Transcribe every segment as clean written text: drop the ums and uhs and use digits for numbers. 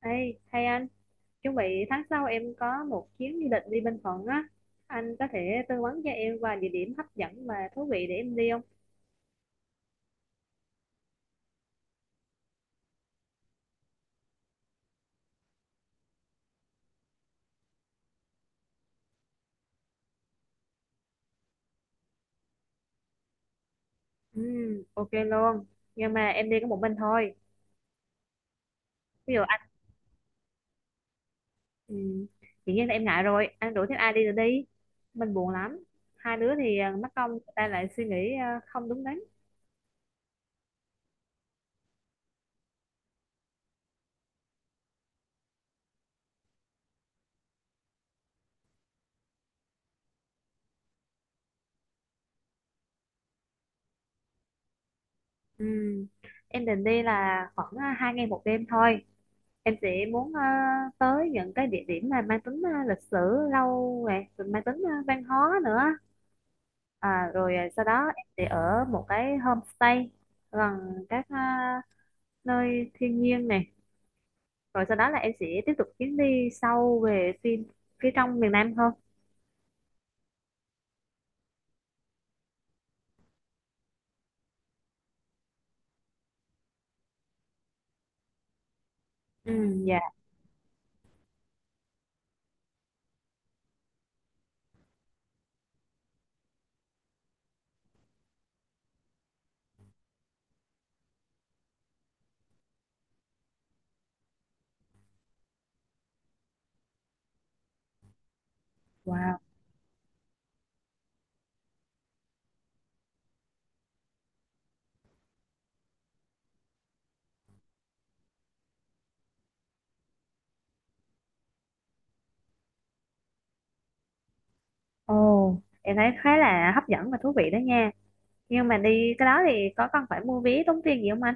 Ê, hay anh, chuẩn bị tháng sau em có một chuyến du lịch đi Bình Thuận á. Anh có thể tư vấn cho em vài địa điểm hấp dẫn và thú vị để em đi không? Ừ, ok luôn. Nhưng mà em đi có một mình thôi. Ví dụ anh, ừ, dĩ nhiên là em ngại rồi. Anh rủ thêm ai đi rồi đi. Mình buồn lắm. 2 đứa thì mất công người ta lại suy nghĩ không đúng đắn. Ừ, em định đi là khoảng 2 ngày 1 đêm thôi. Em sẽ muốn tới những cái địa điểm mà mang tính lịch sử lâu nè, rồi mang tính văn hóa nữa. À, rồi sau đó em sẽ ở một cái homestay gần các nơi thiên nhiên này, rồi sau đó là em sẽ tiếp tục chuyến đi sâu về phía trong miền Nam hơn. Ừ. Dạ. Wow. Ồ, em thấy khá là hấp dẫn và thú vị đó nha, nhưng mà đi cái đó thì có cần phải mua vé tốn tiền gì không anh?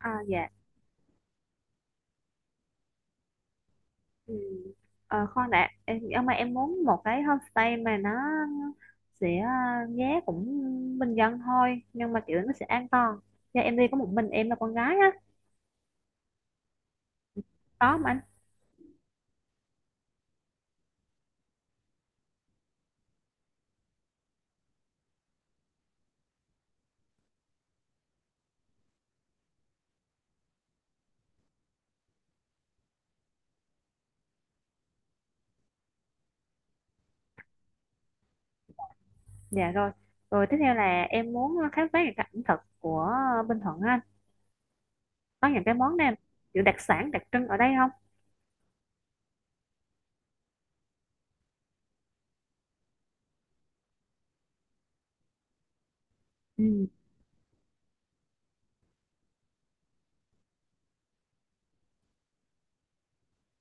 À, dạ. Ừ. Ờ, khoan đã em, nhưng mà em muốn một cái homestay mà nó sẽ giá cũng bình dân thôi nhưng mà kiểu nó sẽ an toàn. Dạ em đi có một mình em là con gái á, đó mà anh. Dạ rồi. Rồi tiếp theo là em muốn khám phá những cái ẩm thực của Bình Thuận á anh, có những cái món nào kiểu đặc sản đặc trưng ở đây không? Ừ.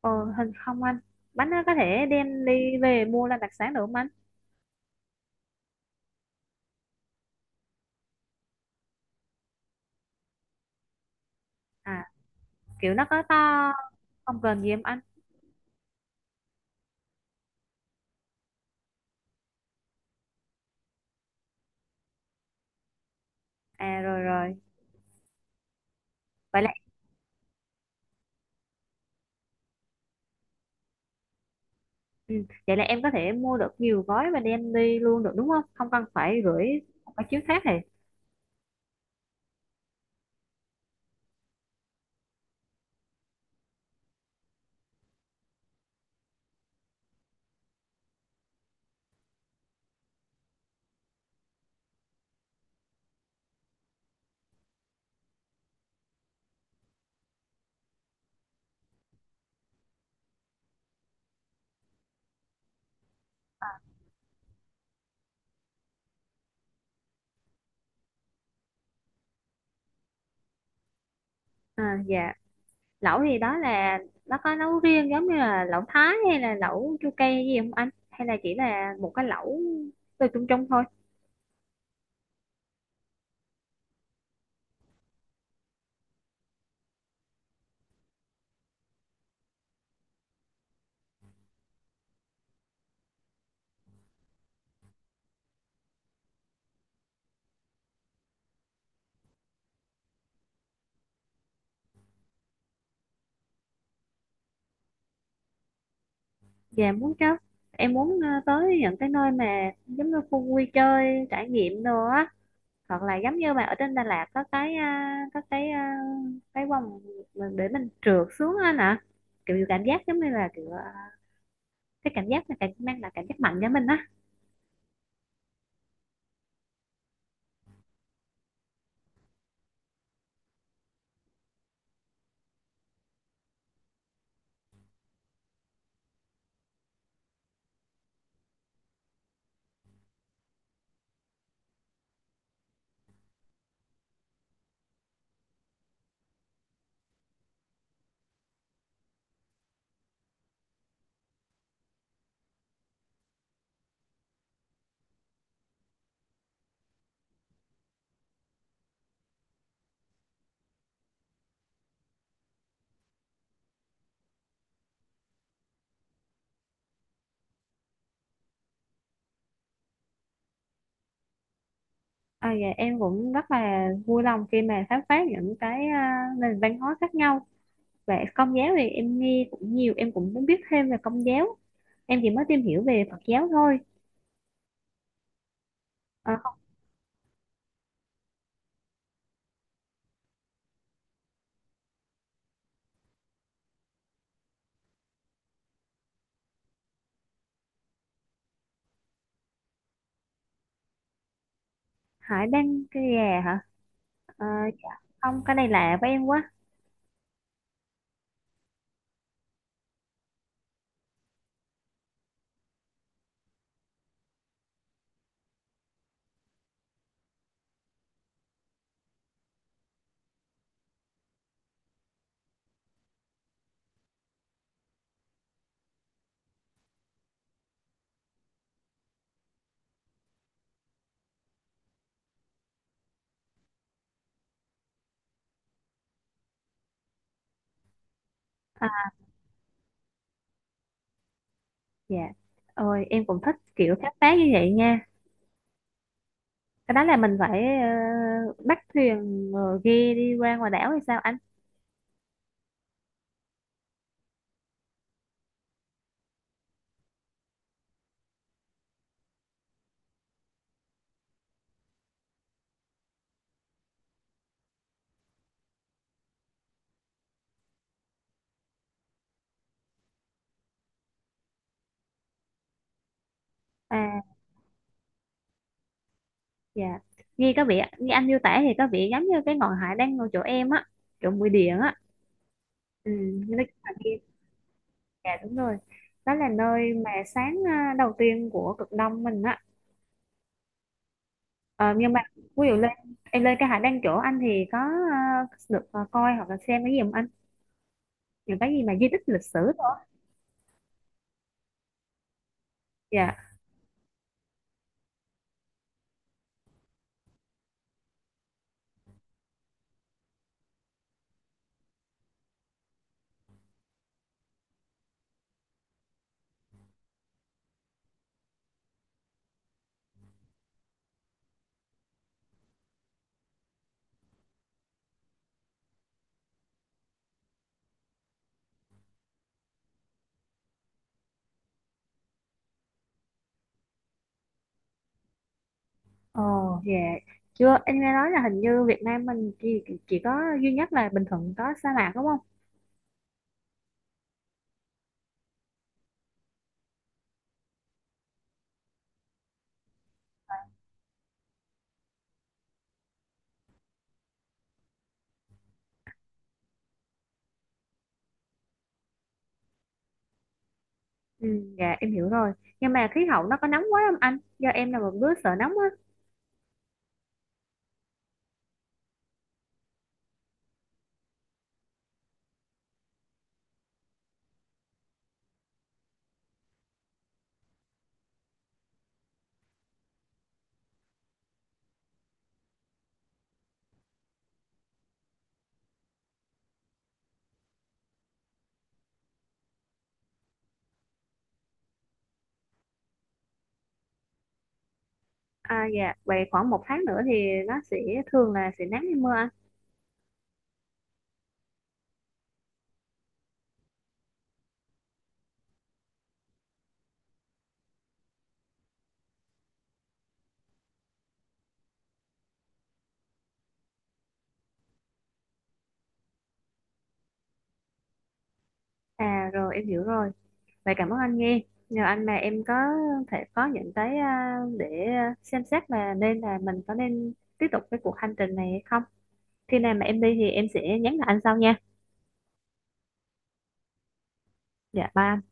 ờ, Hình không anh? Bánh nó có thể đem đi về mua làm đặc sản được không anh? À, kiểu nó có to không, cần gì em anh? À rồi rồi. Vậy. Ừ. Vậy là em có thể mua được nhiều gói và đem đi luôn được đúng không? Không cần phải gửi một cái chiếc khác thì. À, dạ. Lẩu thì đó là nó có nấu riêng giống như là lẩu Thái hay là lẩu chua cay gì không anh? Hay là chỉ là một cái lẩu từ chung chung thôi? Dạ muốn chứ. Em muốn tới những cái nơi mà giống như khu vui chơi, trải nghiệm đồ á. Hoặc là giống như mà ở trên Đà Lạt cái vòng mà để mình trượt xuống anh ạ. Kiểu cảm giác giống như là kiểu cái cảm giác là cảm mang lại cảm giác mạnh cho mình á. À, dạ, em cũng rất là vui lòng khi mà khám phá những cái nền văn hóa khác nhau. Về công giáo thì em nghe cũng nhiều, em cũng muốn biết thêm về công giáo. Em chỉ mới tìm hiểu về Phật giáo thôi. À, không. Hải Đăng cái gà hả? Ờ, dạ. Không, cái này lạ với em quá. À, dạ. Ôi em cũng thích kiểu khám phá như vậy nha. Cái đó là mình phải bắt thuyền rồi ghe đi qua ngoài đảo hay sao anh? À. Dạ, nghe có vẻ nghe anh miêu tả thì có vẻ giống như cái ngọn hải đang ngồi chỗ em á, chỗ mũi điện á. Ừ, nó là kia. Dạ đúng rồi. Đó là nơi mà sáng đầu tiên của cực đông mình á. Ờ, nhưng mà ví dụ lên em lên cái hải đăng chỗ anh thì có à, được coi hoặc là xem cái gì không anh? Những cái gì mà di tích lịch sử thôi. Dạ. Ồ, dạ. Chưa, anh nghe nói là hình như Việt Nam mình chỉ có duy nhất là Bình Thuận có sa mạc đúng không? Ừ, dạ em hiểu rồi. Nhưng mà khí hậu nó có nóng quá không anh? Do em là một đứa sợ nóng á. À dạ, vậy khoảng một tháng nữa thì nó sẽ thường là sẽ nắng hay mưa anh? À rồi em hiểu rồi. Vậy cảm ơn anh nghe. Nhờ anh mà em có thể có những cái để xem xét là nên là mình có nên tiếp tục cái cuộc hành trình này hay không. Khi nào mà em đi thì em sẽ nhắn lại anh sau nha. Dạ bye.